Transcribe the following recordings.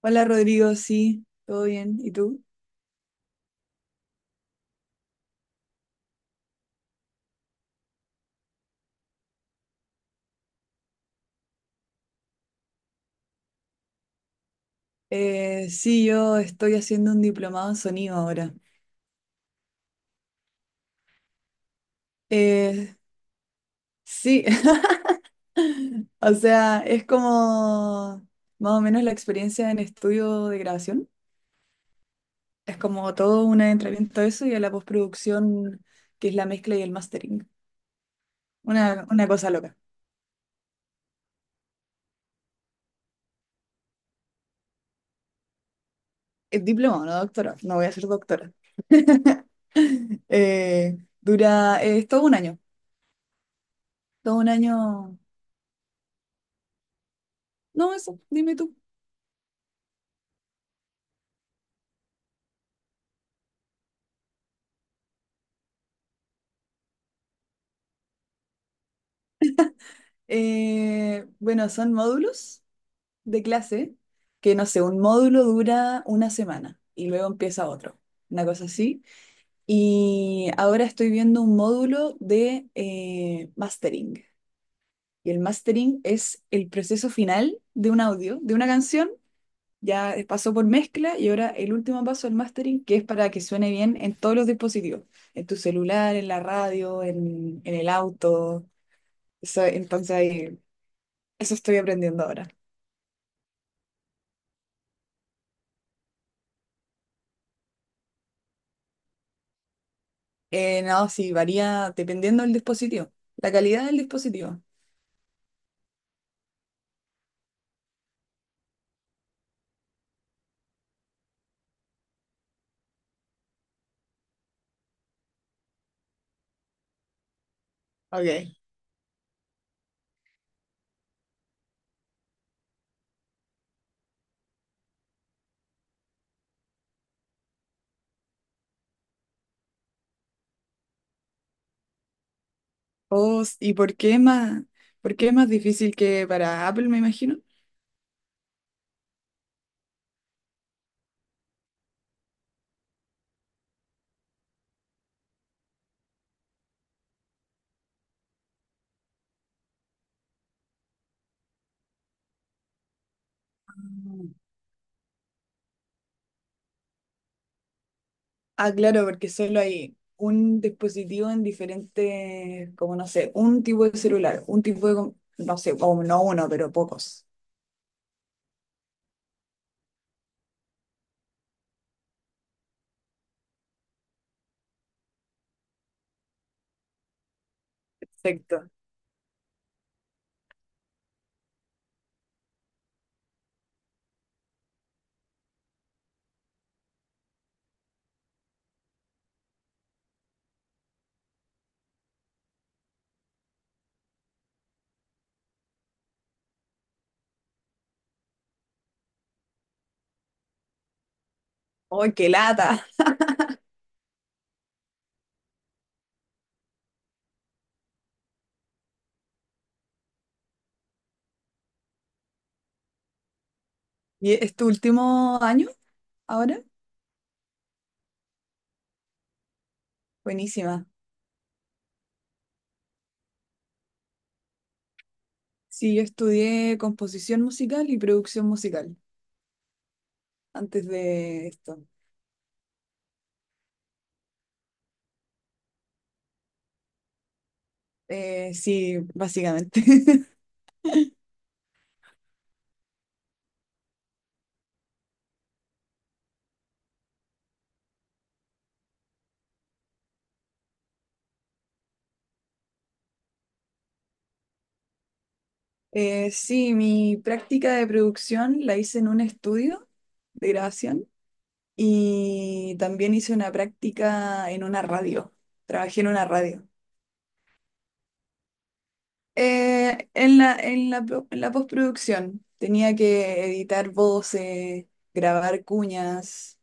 Hola Rodrigo, sí, todo bien. ¿Y tú? Sí, yo estoy haciendo un diplomado en sonido ahora. Eh, sí, o sea, es como más o menos la experiencia en estudio de grabación. Es como todo un adentramiento a eso y a la postproducción, que es la mezcla y el mastering. Una cosa loca. Es diplomado, no doctorado. No voy a ser doctora. Dura, es todo un año. Todo un año. No, eso, dime tú. Bueno, son módulos de clase que, no sé, un módulo dura una semana y luego empieza otro, una cosa así. Y ahora estoy viendo un módulo de mastering. Y el mastering es el proceso final de un audio, de una canción. Ya pasó por mezcla y ahora el último paso del mastering, que es para que suene bien en todos los dispositivos, en tu celular, en la radio, en el auto. Eso- entonces, ahí- Eso estoy aprendiendo ahora. No, sí, varía dependiendo del dispositivo, la calidad del dispositivo. Ok. Oh, s- ¿y por qué es más, por qué es más difícil que para Apple, me imagino? Mm. Ah, claro, porque solo hay un dispositivo en diferentes, como no sé, un tipo de celular, un tipo de, no sé, o no uno, pero pocos. Perfecto. ¡Ay, qué lata! ¿Y es tu último año ahora? Buenísima. Sí, yo estudié composición musical y producción musical antes de esto. Sí, básicamente. Sí, mi práctica de producción la hice en un estudio de grabación y también hice una práctica en una radio. Trabajé en una radio. En la postproducción tenía que editar voces, grabar cuñas,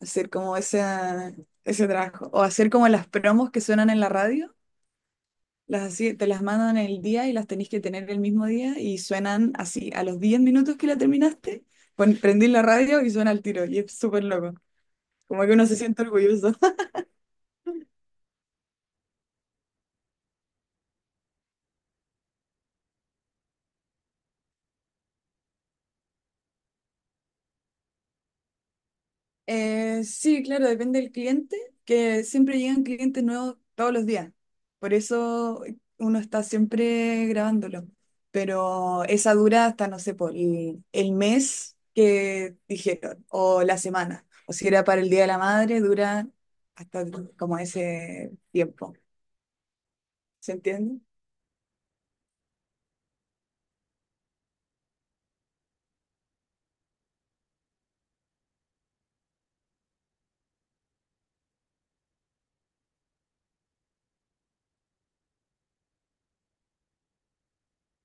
hacer como ese trabajo, o hacer como las promos que suenan en la radio. Las así, te las mandan el día y las tenés que tener el mismo día y suenan así. A los 10 minutos que la terminaste, prendí la radio y suena al tiro. Y es súper loco. Como que uno se siente orgulloso. Sí, claro, depende del cliente, que siempre llegan clientes nuevos todos los días. Por eso uno está siempre grabándolo. Pero esa dura hasta, no sé, por el mes que dijeron, o la semana. O si era para el Día de la Madre, dura hasta como ese tiempo. ¿Se entiende?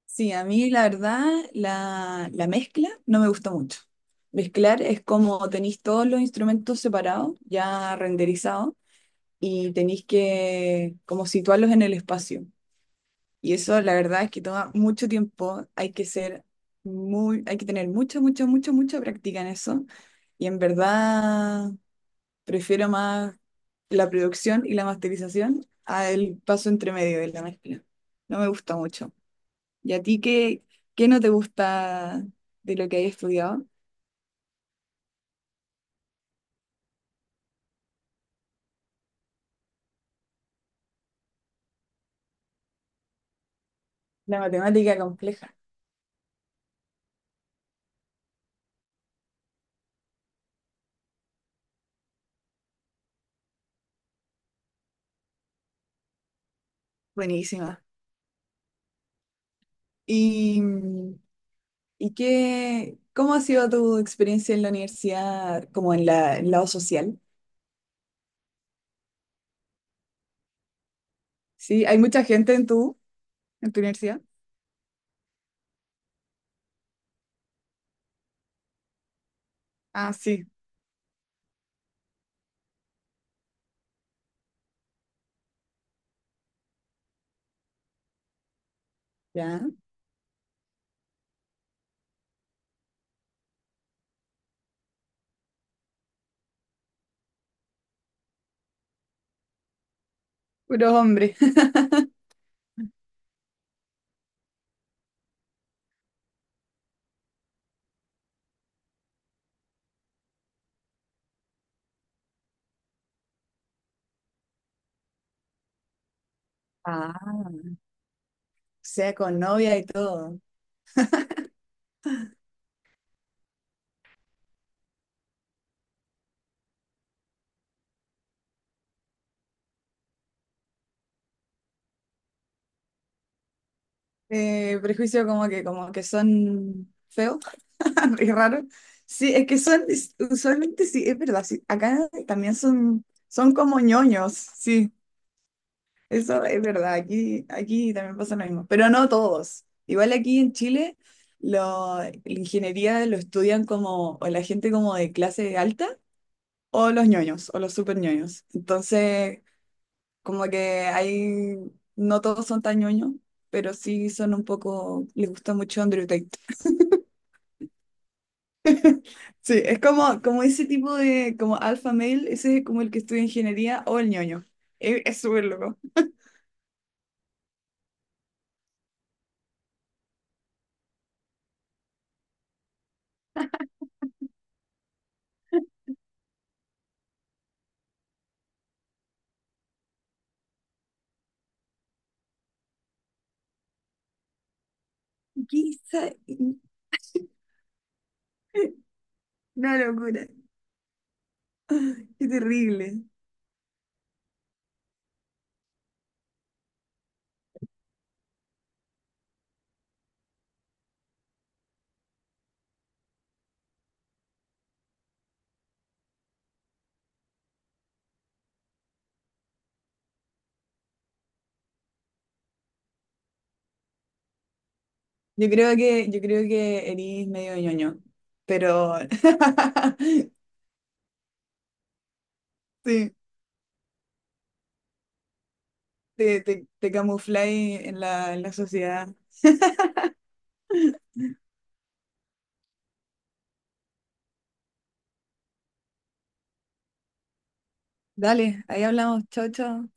Sí, a mí la verdad, la mezcla no me gusta mucho. Mezclar es como tenéis todos los instrumentos separados, ya renderizados y tenéis que como situarlos en el espacio. Y eso la verdad es que toma mucho tiempo, hay que ser hay que tener mucha práctica en eso. Y en verdad prefiero más la producción y la masterización al paso entre medio de la mezcla. No me gusta mucho. ¿Y a ti qué, Qué no te gusta de lo que hay estudiado? La matemática compleja. Buenísima. Y mm, ¿Y qué, cómo ha sido tu experiencia en la universidad, como en en el lado social? Sí, hay mucha gente en en tu universidad. Ah, sí, ya. Puros hombres. Ah, o sea, con novia y todo. Prejuicio como como que son feos y raros. Sí, usualmente sí, es verdad, sí. Acá también son como ñoños, sí. Eso es verdad, aquí también pasa lo mismo, pero no todos. Igual aquí en Chile, la ingeniería lo estudian como o la gente como de clase alta o los ñoños o los super ñoños. Entonces, como que hay, no todos son tan ñoños, pero sí son un poco, les gusta mucho Andrew Tate. Sí, es como, como ese tipo de, como alpha male, ese es como el que estudia ingeniería o el ñoño. Es súper loco. Quizá- Una locura, qué terrible. Yo creo que eres medio ñoño, pero sí, te camufláis en en la sociedad. Dale, ahí hablamos. Chao, chao.